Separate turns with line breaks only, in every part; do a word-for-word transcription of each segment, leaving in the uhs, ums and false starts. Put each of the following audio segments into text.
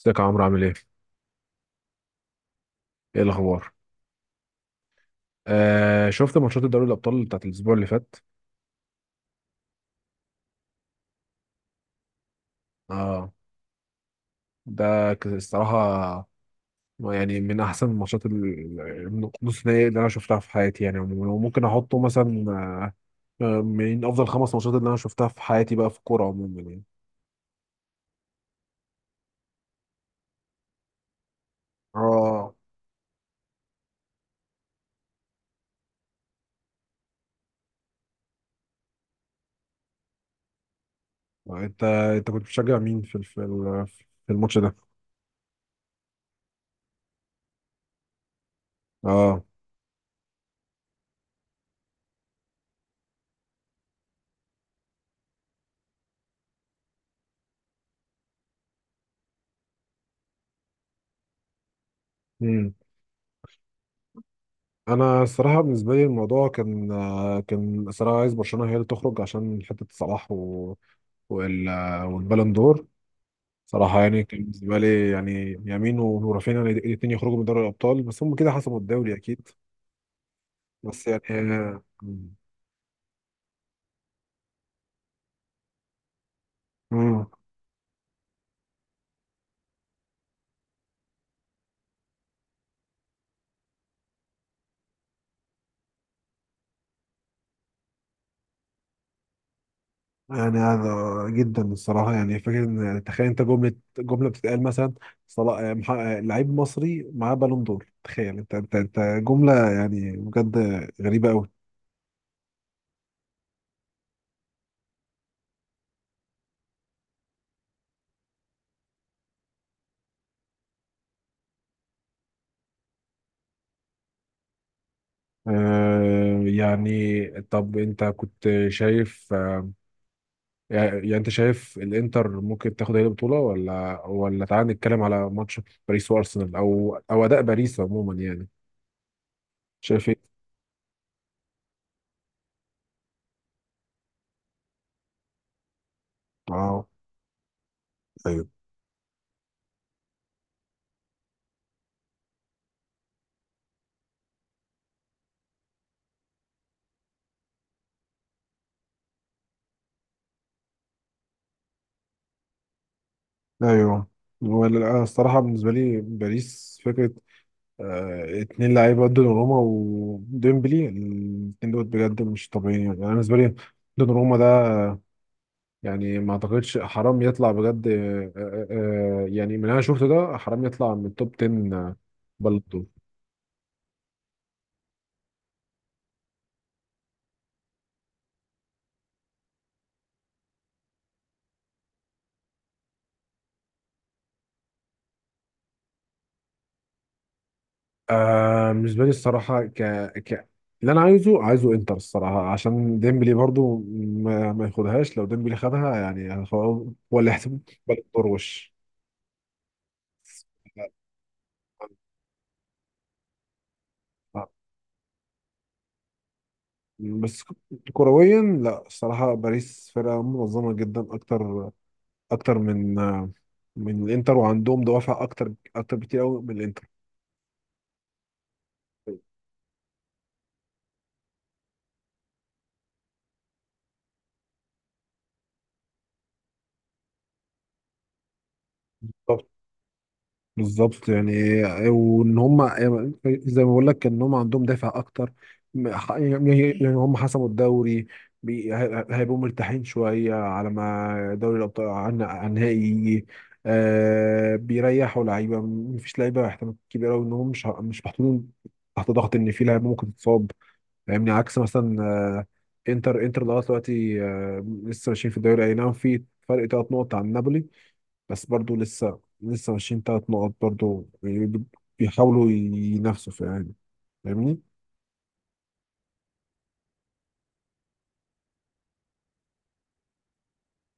ازيك يا عمرو، عامل ايه؟ ايه الاخبار؟ آه شفت ماتشات الدوري الابطال بتاعت الاسبوع اللي فات؟ اه. ده ك- الصراحه يعني من احسن الماتشات ال- ال- نص نهائي اللي انا شفتها في حياتي يعني عموما. وممكن احطه مثلا آه، آه، من افضل خمس ماتشات اللي انا شفتها في حياتي بقى في الكوره عموما يعني. اه. انت انت كنت بتشجع مين في ال- في ال- في الماتش ده؟ اه. مم. انا الصراحه بالنسبه لي الموضوع كان آه، كان الصراحه عايز برشلونه هي اللي تخرج عشان حته صلاح وال- والبالون دور، صراحة يعني كان بالنسبة لي يعني يمين ورافينيا الاثنين يخرجوا من دوري الأبطال، بس هم كده حسموا الدوري أكيد. بس يعني امم يعني هذا جدا الصراحة، يعني فكرة إن يعني تخيل أنت، جملة جملة بتتقال مثلا: صلاح، آه، مح- آه، لعيب مصري معاه بالون دور، تخيل أنت أنت أنت جملة يعني بجد غريبة أوي. آه، يعني طب أنت كنت شايف، آه، يعني يعني انت شايف الانتر ممكن تاخد هي البطوله، ولا ولا تعالى نتكلم على ماتش باريس وارسنال، او او اداء باريس عموما، يعني شايف ايه؟ اه، ايوه، ايوه. ولا، لا، الصراحه بالنسبه لي باريس فكره، آه اتنين لعيبه، دوناروما وديمبلي، الاتنين دول بجد مش طبيعيين. يعني انا بالنسبه لي دوناروما ده يعني ما اعتقدش، حرام يطلع بجد، آه آه آه، يعني من اللي انا شفته ده حرام يطلع من توب تن بلد. آه بالنسبه لي الصراحه ك... ك اللي انا عايزه عايزه انتر الصراحه، عشان ديمبلي برضو ما, ما ياخدهاش، لو ديمبلي خدها يعني هو هو اللي هيحسب بالون دور وش. آه، بس كرويا لا، الصراحه باريس فرقه منظمه جدا اكتر اكتر من آه، من الانتر، وعندهم دوافع اكتر اكتر بكتير قوي من الانتر. بالظبط يعني، وان هم زي ما بقول لك ان هم عندهم دافع اكتر، يعني يعني هم حسموا الدوري، بي- هي- هيبقوا مرتاحين شويه على ما دوري الابطال عن عن النهائي يجي، آه بيريحوا لعيبه، مفيش لعيبه احتمال كبير قوي ان هم مش ه- مش محطوطين تحت ضغط ان في لعيبه ممكن تتصاب. يعني عكس مثلا، آه انتر انتر لغايه دلوقتي آه لسه ماشيين في الدوري، اي نعم في فرق ثلاث نقط عن نابولي، بس برضو لسه لسه ماشيين تلات نقط برضو، يعني بي- بيحاولوا ينافسوا في يعني، فاهمني؟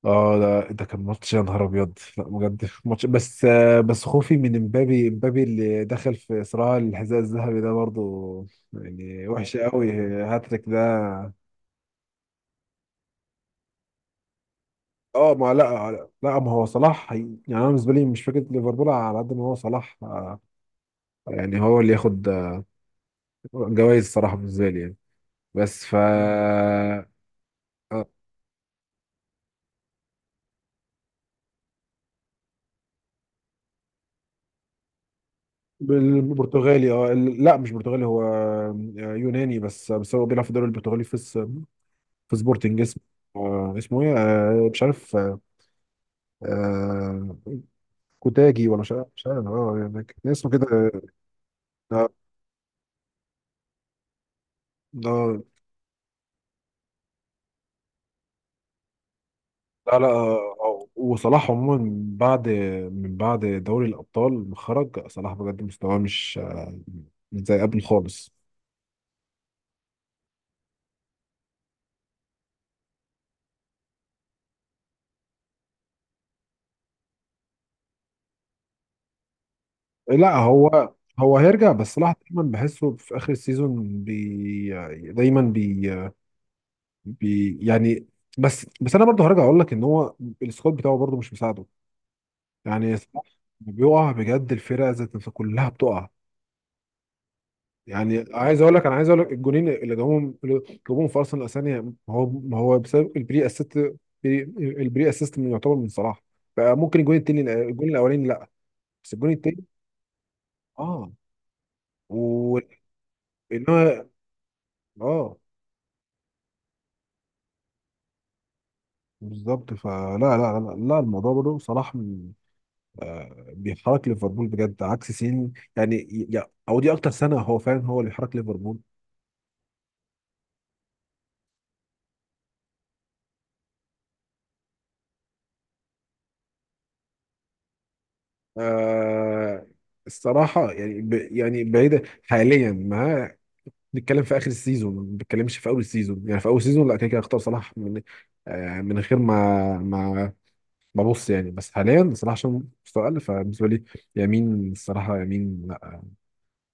اه، ده ده كان ماتش يا نهار ابيض. لا بجد ماتش، بس آه، بس خوفي من امبابي امبابي اللي دخل في صراع الحذاء الذهبي ده، برضو يعني وحش قوي، هاتريك ده. اه، ما لا لا، ما هو صلاح، هي- يعني انا بالنسبه لي مش فكره ليفربول على قد ما هو صلاح، آه، يعني هو اللي ياخد جوائز الصراحه بالنسبه لي يعني، بس ف آه، بالبرتغالي. اه ال- لا مش برتغالي، هو آه، يوناني، بس بس هو بيلعب في الدوري البرتغالي في س- في سبورتنج اسمه. آه، اسمه ايه، آه، مش عارف، آه، آه، كوتاجي ولا مش عارف مش عارف اه يعني كان اسمه كده، آه، آه، لا لا آه، آه، وصلاح عموما من بعد من بعد دوري الابطال ما خرج صلاح، بجد مستواه مش آه، مش زي قبل خالص. لا هو هو هيرجع، بس صلاح دايما بحسه في اخر السيزون، بي دايما بي بي يعني. بس بس انا برضه هرجع اقول لك ان هو السكواد بتاعه برضه مش مساعده، يعني صلاح بيقع بجد، الفرقه ذات نفسها كلها بتقع. يعني عايز اقول لك انا عايز اقول لك الجونين اللي جابهم اللي جابهم في ارسنال الثانيه، هو ما هو بسبب البري اسيست، البري اسيست من يعتبر من صلاح. بقى ممكن الجون التاني، الجون الاولاني لا، بس الجون التاني اه وانما اه بالظبط. فلا لا لا لا، الموضوع برضه صلاح بيحرك ليفربول بجد عكس سيني يعني، ي- او دي اكتر سنه هو فعلا هو اللي بيحرك ليفربول. آه الصراحه يعني ب يعني بعيده حاليا ما نتكلم في اخر السيزون، ما بنتكلمش في اول السيزون، يعني في اول السيزون لا كده كده اختار صلاح، من آه من غير ما ما ما ابص يعني. بس حاليا صلاح عشان مستوى اقل، فبالنسبه لي يمين الصراحه، يمين لا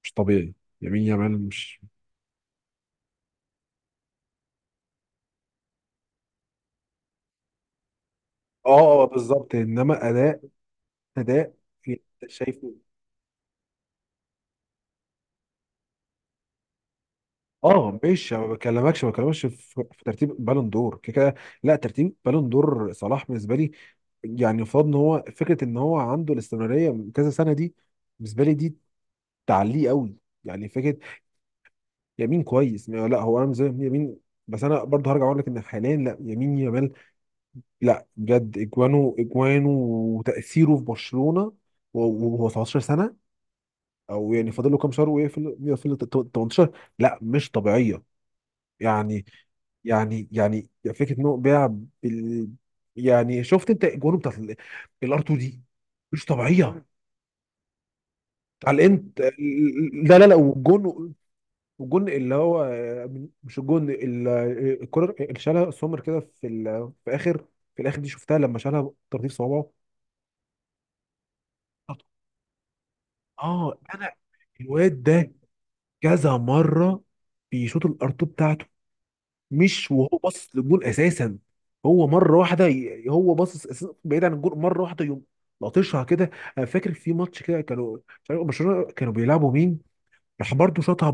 مش طبيعي، يمين يامال مش اه آه، بالظبط، انما اداء اداء في- شايفه. اه مش، ما بكلمكش ما بكلمكش في في ترتيب بالون دور، كده كده- لا ترتيب بالون دور صلاح بالنسبه لي يعني يفرض ان هو فكره، ان هو عنده الاستمراريه من كذا سنه دي، بالنسبه لي دي تعليق قوي يعني فكره. يمين كويس، ما- لا هو انا بالنسبه لي يمين. بس انا برضه هرجع اقول لك ان حاليا لا يمين يامال، لا بجد، اجوانه اجوانه وتاثيره في برشلونه وهو سبعة عشر سنه، او يعني فاضل له كام شهر ويقفل يقفل تمنتاشر، لا مش طبيعيه يعني. يعني يعني فكره انه بيع بال... يعني شفت انت الجون بتاعت الار اتنين دي، مش طبيعيه. على انت، لا لا لا، والجون، والجون اللي هو، آه، مش الجون، ال- آه، الكره اللي شالها سومر كده في ال... في اخر في الاخر دي، شفتها لما شالها ترتيب صوابعه. اه انا الواد ده كذا مره بيشوط الار اتنين بتاعته مش وهو باصص للجون اساسا، هو مره واحده، ي- هو باصص أساساً بعيد عن الجون، مره واحده يقوم لطشها كده. انا فاكر في ماتش كده كانوا مش عارف برشلونه كانوا بيلعبوا مين، راح برضه شاطها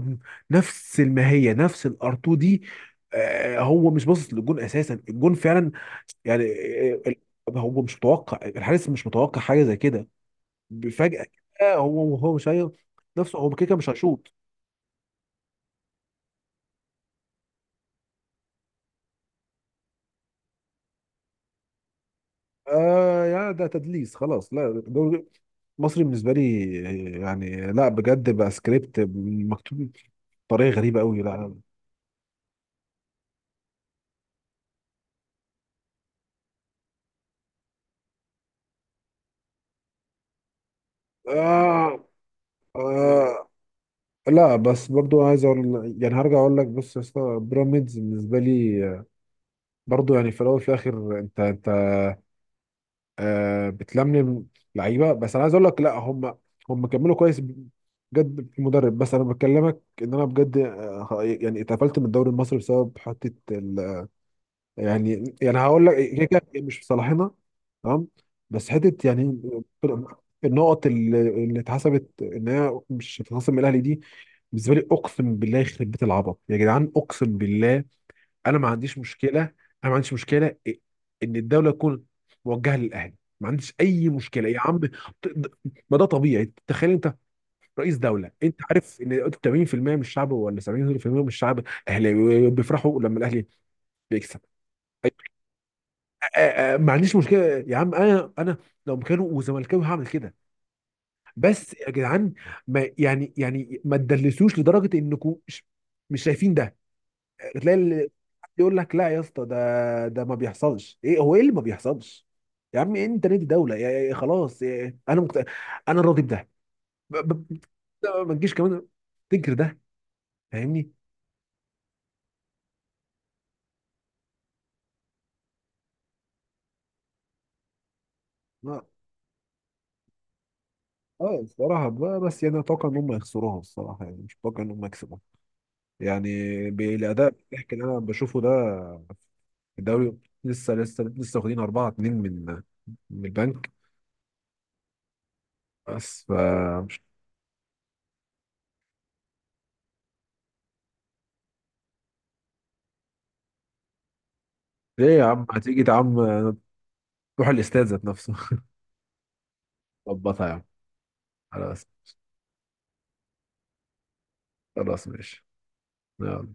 بنفس الماهيه، نفس الار اتنين دي. آه، هو مش باصص للجون اساسا، الجون فعلا يعني، آه، ال- هو مش متوقع، الحارس مش متوقع حاجه زي كده فجاه، كده هو هو مش، هي- نفسه هو كده كده مش هيشوط. آه يا ده تدليس خلاص. لا مصري بالنسبه لي يعني، لا بجد بقى سكريبت مكتوب بطريقه غريبه قوي. لا، آه آه لا، بس برضو عايز اقول يعني، هرجع اقول لك بص يا اسطى، بيراميدز بالنسبه لي، آه، برضو يعني في الاول وفي الاخر انت انت آه بتلملم لعيبه. بس انا عايز اقول لك لا، هم هم كملوا كويس بجد في المدرب. بس انا بكلمك ان انا بجد آه يعني اتقفلت من الدوري المصري بسبب حته يعني يعني هقول لك كده كده هي مش في صالحنا، تمام، بس حته يعني النقط اللي اللي اتحسبت ان هي مش هتتخصم من الاهلي دي، بالنسبه لي اقسم بالله يخرب بيت العبط يا جدعان. اقسم بالله، انا ما عنديش مشكله، انا ما عنديش مشكله ان الدوله تكون موجهه للاهلي، ما عنديش اي مشكله يا عم. ما ده طبيعي، تخيل انت رئيس دوله، انت عارف ان ثمانين في المئة من الشعب ولا سبعين في المئة من الشعب اهلاوي، بيفرحوا لما الاهلي بيكسب. آه، آه، ما عنديش مشكله يا عم، انا انا لو مكانه وزملكاوي هعمل كده. بس يا جدعان، ما يعني يعني ما تدلسوش لدرجه انكم مش مش شايفين ده، تلاقي ال- يقول لك لا يا اسطى، ده ده ما بيحصلش. ايه هو، ايه اللي ما بيحصلش يا عم؟ انت نادي دوله، يا يا- خلاص. يا انا مكت... انا راضي بده، ب- ب- ما تجيش كمان تنكر ده، فاهمني؟ اه، آه، الصراحه ب- بس يعني اتوقع ان هم يخسروها الصراحه، يعني مش اتوقع ان هم يكسبوها يعني، بالاداء الضحك اللي انا بشوفه ده. الدوري، لسه لسه لسه واخدين أربعة اتنين من من البنك، بس فمش. ليه يا عم، هتيجي يا عم؟ روح الاستاد ذات نفسه ظبطها يا عم. خلاص. خلاص ماشي. يلا.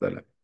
سلام.